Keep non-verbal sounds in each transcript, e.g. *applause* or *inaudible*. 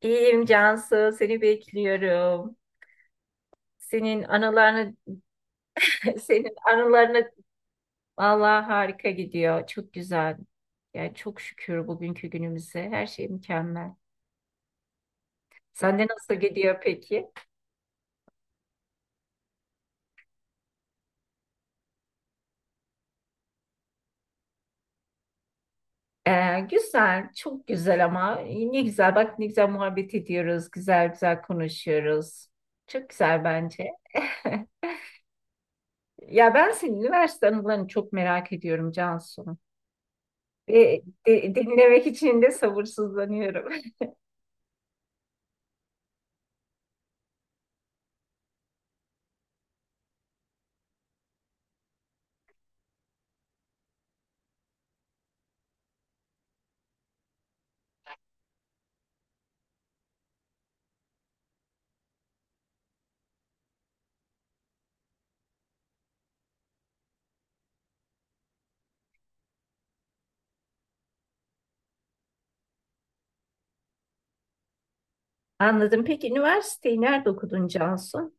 İyiyim Cansu, seni bekliyorum. Senin anılarını, *laughs* senin anılarını vallahi harika gidiyor. Çok güzel. Yani çok şükür bugünkü günümüze. Her şey mükemmel. Sende nasıl gidiyor peki? Güzel, çok güzel ama ne güzel. Bak ne güzel muhabbet ediyoruz, güzel güzel konuşuyoruz. Çok güzel bence. *laughs* Ya ben senin üniversite anılarını çok merak ediyorum Cansu. Ve dinlemek için de sabırsızlanıyorum. Anladım. Peki üniversiteyi nerede okudun Cansu?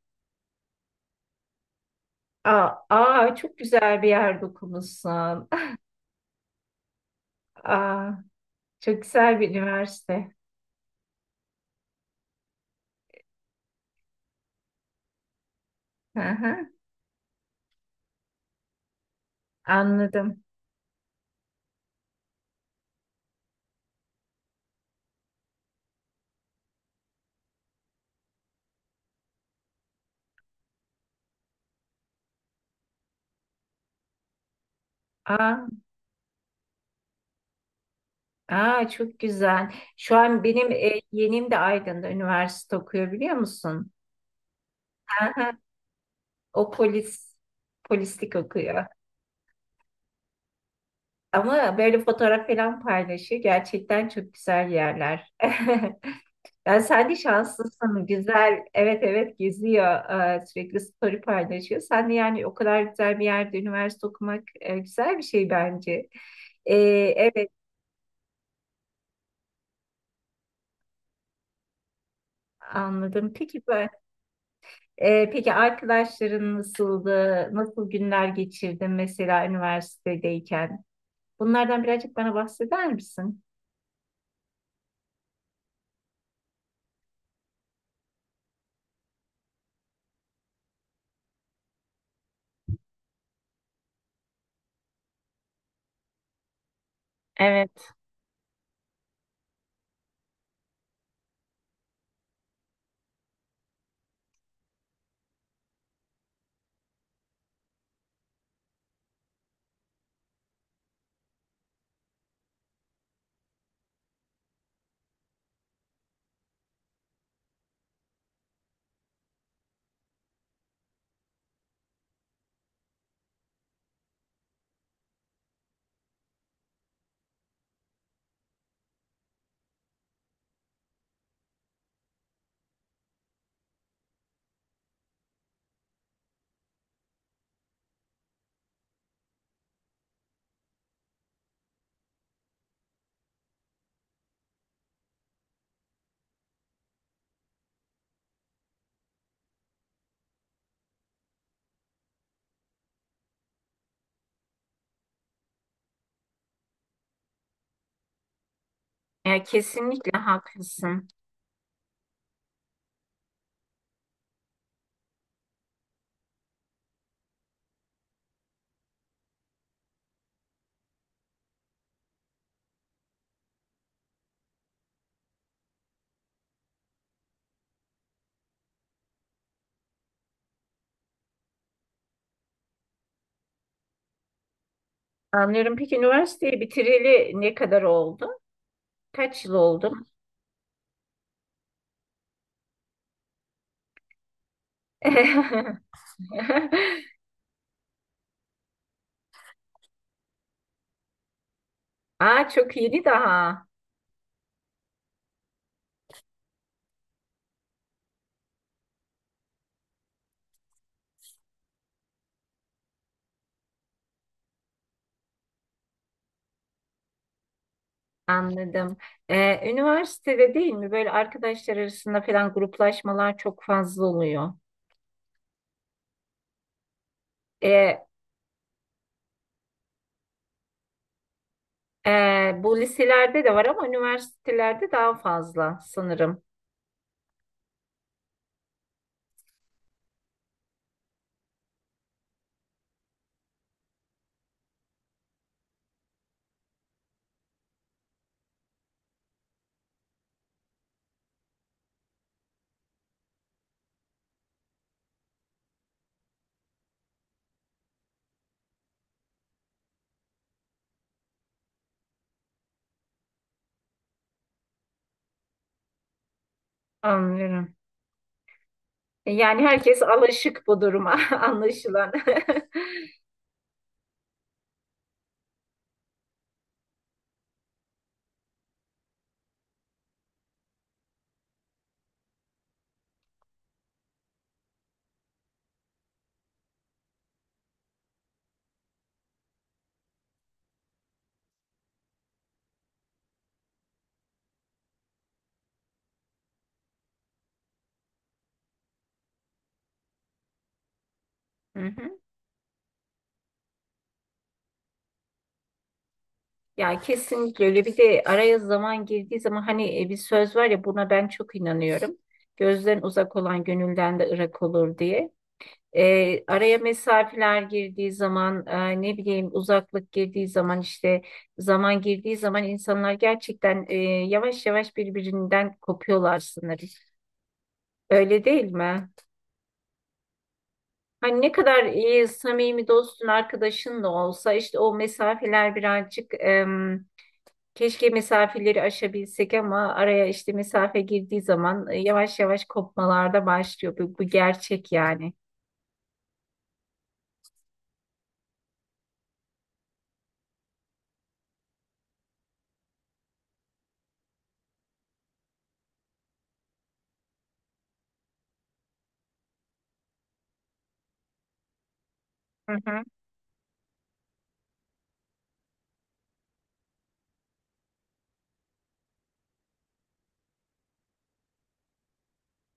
Aa, aa çok güzel bir yerde okumuşsun. Aa, çok güzel bir üniversite. Hı hı, anladım. Aa, aa çok güzel. Şu an benim yeğenim de Aydın'da üniversite okuyor biliyor musun? Hı hı, o polis polislik okuyor. Ama böyle fotoğraf falan paylaşıyor. Gerçekten çok güzel yerler. *laughs* Yani sen de şanslısın. Güzel. Evet evet geziyor. Sürekli story paylaşıyor. Sen de yani o kadar güzel bir yerde üniversite okumak güzel bir şey bence. Ee, evet anladım. Peki arkadaşların nasıldı? Nasıl günler geçirdin mesela üniversitedeyken? Bunlardan birazcık bana bahseder misin? Evet, ya kesinlikle haklısın. Anlıyorum. Peki üniversiteyi bitireli ne kadar oldu? Kaç yıl oldu? *laughs* Aa, çok yeni daha anladım. Üniversitede değil mi böyle arkadaşlar arasında falan gruplaşmalar çok fazla oluyor. Ee, Bu liselerde de var ama üniversitelerde daha fazla sanırım. Anlıyorum. Yani herkes alışık bu duruma *laughs* anlaşılan. *laughs* Hı hı. Ya kesinlikle öyle, bir de araya zaman girdiği zaman hani bir söz var ya, buna ben çok inanıyorum. Gözden uzak olan gönülden de ırak olur diye. Araya mesafeler girdiği zaman, ne bileyim uzaklık girdiği zaman, işte zaman girdiği zaman insanlar gerçekten yavaş yavaş birbirinden kopuyorlar sanırım. Öyle değil mi? Hani ne kadar iyi, samimi dostun, arkadaşın da olsa işte o mesafeler birazcık keşke mesafeleri aşabilsek ama araya işte mesafe girdiği zaman yavaş yavaş kopmalarda başlıyor. Bu gerçek yani. Hı hı,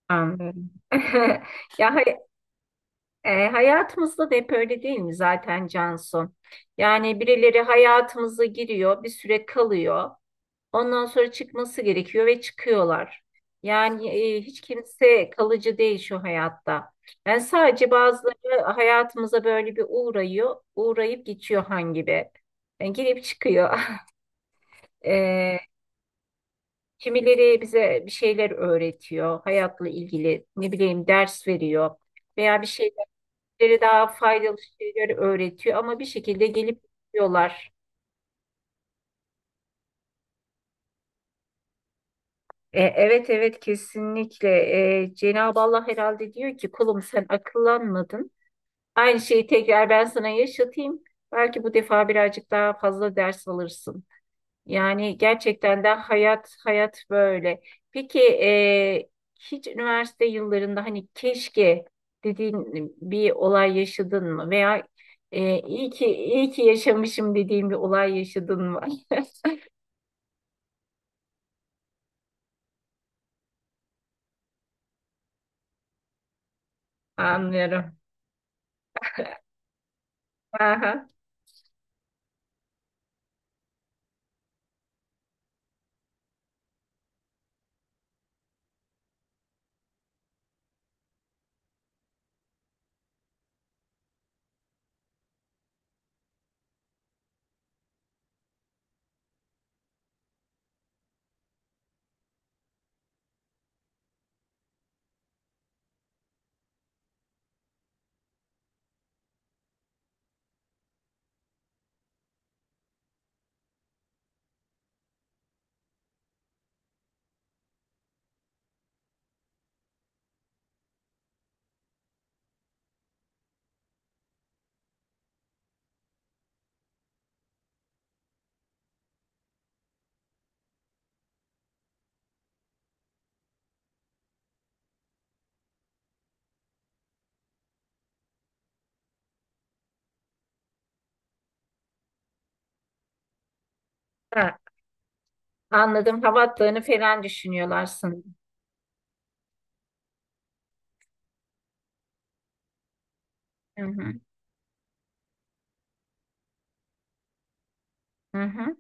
anlıyorum. *laughs* Ya hayır, hayatımızda da hep öyle değil mi zaten Cansu? Yani birileri hayatımıza giriyor, bir süre kalıyor. Ondan sonra çıkması gerekiyor ve çıkıyorlar. Yani hiç kimse kalıcı değil şu hayatta. Yani sadece bazıları hayatımıza böyle bir uğrayıyor, uğrayıp geçiyor hangi gibi. Yani girip çıkıyor. *laughs* E, Kimileri bize bir şeyler öğretiyor, hayatla ilgili ne bileyim ders veriyor veya bir şey, biri daha faydalı şeyler öğretiyor ama bir şekilde gelip diyorlar. Evet evet kesinlikle. Cenab-ı Allah herhalde diyor ki kulum sen akıllanmadın. Aynı şeyi tekrar ben sana yaşatayım. Belki bu defa birazcık daha fazla ders alırsın. Yani gerçekten de hayat böyle. Peki hiç üniversite yıllarında hani keşke dediğin bir olay yaşadın mı? Veya iyi ki yaşamışım dediğin bir olay yaşadın mı? *laughs* Anlıyorum. Aha. Ha, anladım. Hava attığını falan düşünüyorlar sanırım. Hı hı. Hı hı.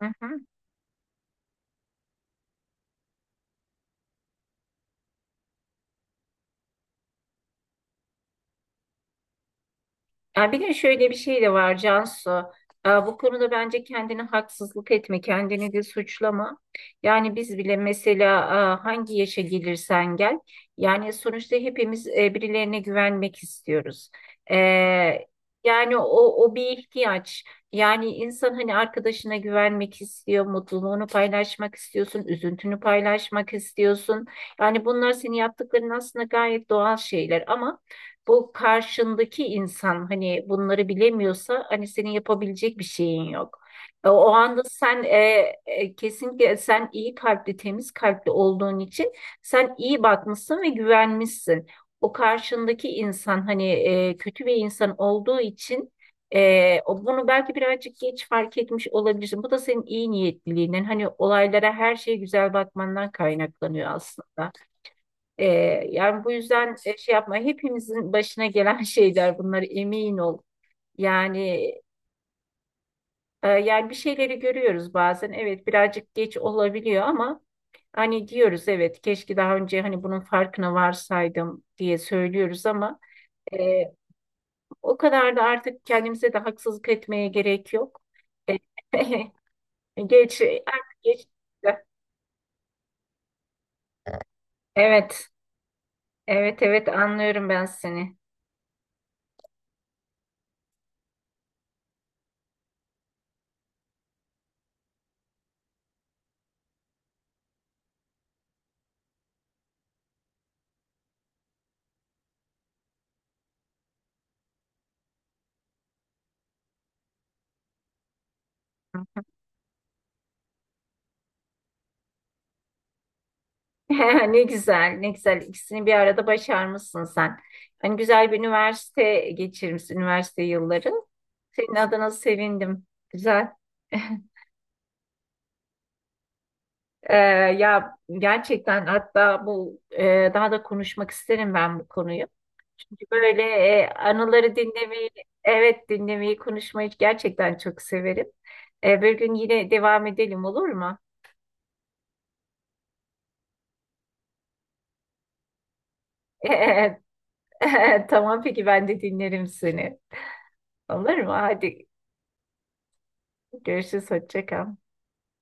Hı hı. Ya bir de şöyle bir şey de var Cansu. Bu konuda bence kendine haksızlık etme, kendini de suçlama. Yani biz bile mesela hangi yaşa gelirsen gel, yani sonuçta hepimiz birilerine güvenmek istiyoruz. Ee, Yani o, o bir ihtiyaç. Yani insan hani arkadaşına güvenmek istiyor, mutluluğunu paylaşmak istiyorsun, üzüntünü paylaşmak istiyorsun. Yani bunlar senin yaptıkların aslında gayet doğal şeyler ama bu karşındaki insan hani bunları bilemiyorsa hani senin yapabilecek bir şeyin yok. O anda kesinlikle sen iyi kalpli, temiz kalpli olduğun için sen iyi bakmışsın ve güvenmişsin. O karşındaki insan hani kötü bir insan olduğu için bunu belki birazcık geç fark etmiş olabilirsin. Bu da senin iyi niyetliliğinden, hani olaylara, her şeye güzel bakmandan kaynaklanıyor aslında. Ee, Yani bu yüzden şey yapma, hepimizin başına gelen *laughs* şeyler bunlar, emin ol. Yani Yani bir şeyleri görüyoruz bazen. Evet birazcık geç olabiliyor ama hani diyoruz evet keşke daha önce hani bunun farkına varsaydım diye söylüyoruz ama e, o kadar da artık kendimize de haksızlık etmeye gerek yok. E, *laughs* Geç artık geç. Evet, evet, evet anlıyorum ben seni. *laughs* Ne güzel, ne güzel. İkisini bir arada başarmışsın sen. Hani güzel bir üniversite geçirmişsin, üniversite yılları. Senin adına sevindim. Güzel. *laughs* Ee, Ya gerçekten, hatta bu daha da konuşmak isterim ben bu konuyu. Çünkü böyle anıları dinlemeyi, evet dinlemeyi, konuşmayı gerçekten çok severim. Bir gün yine devam edelim olur mu? *laughs* Tamam peki ben de dinlerim seni. Olur mu? Hadi görüşürüz. Hoşça kal.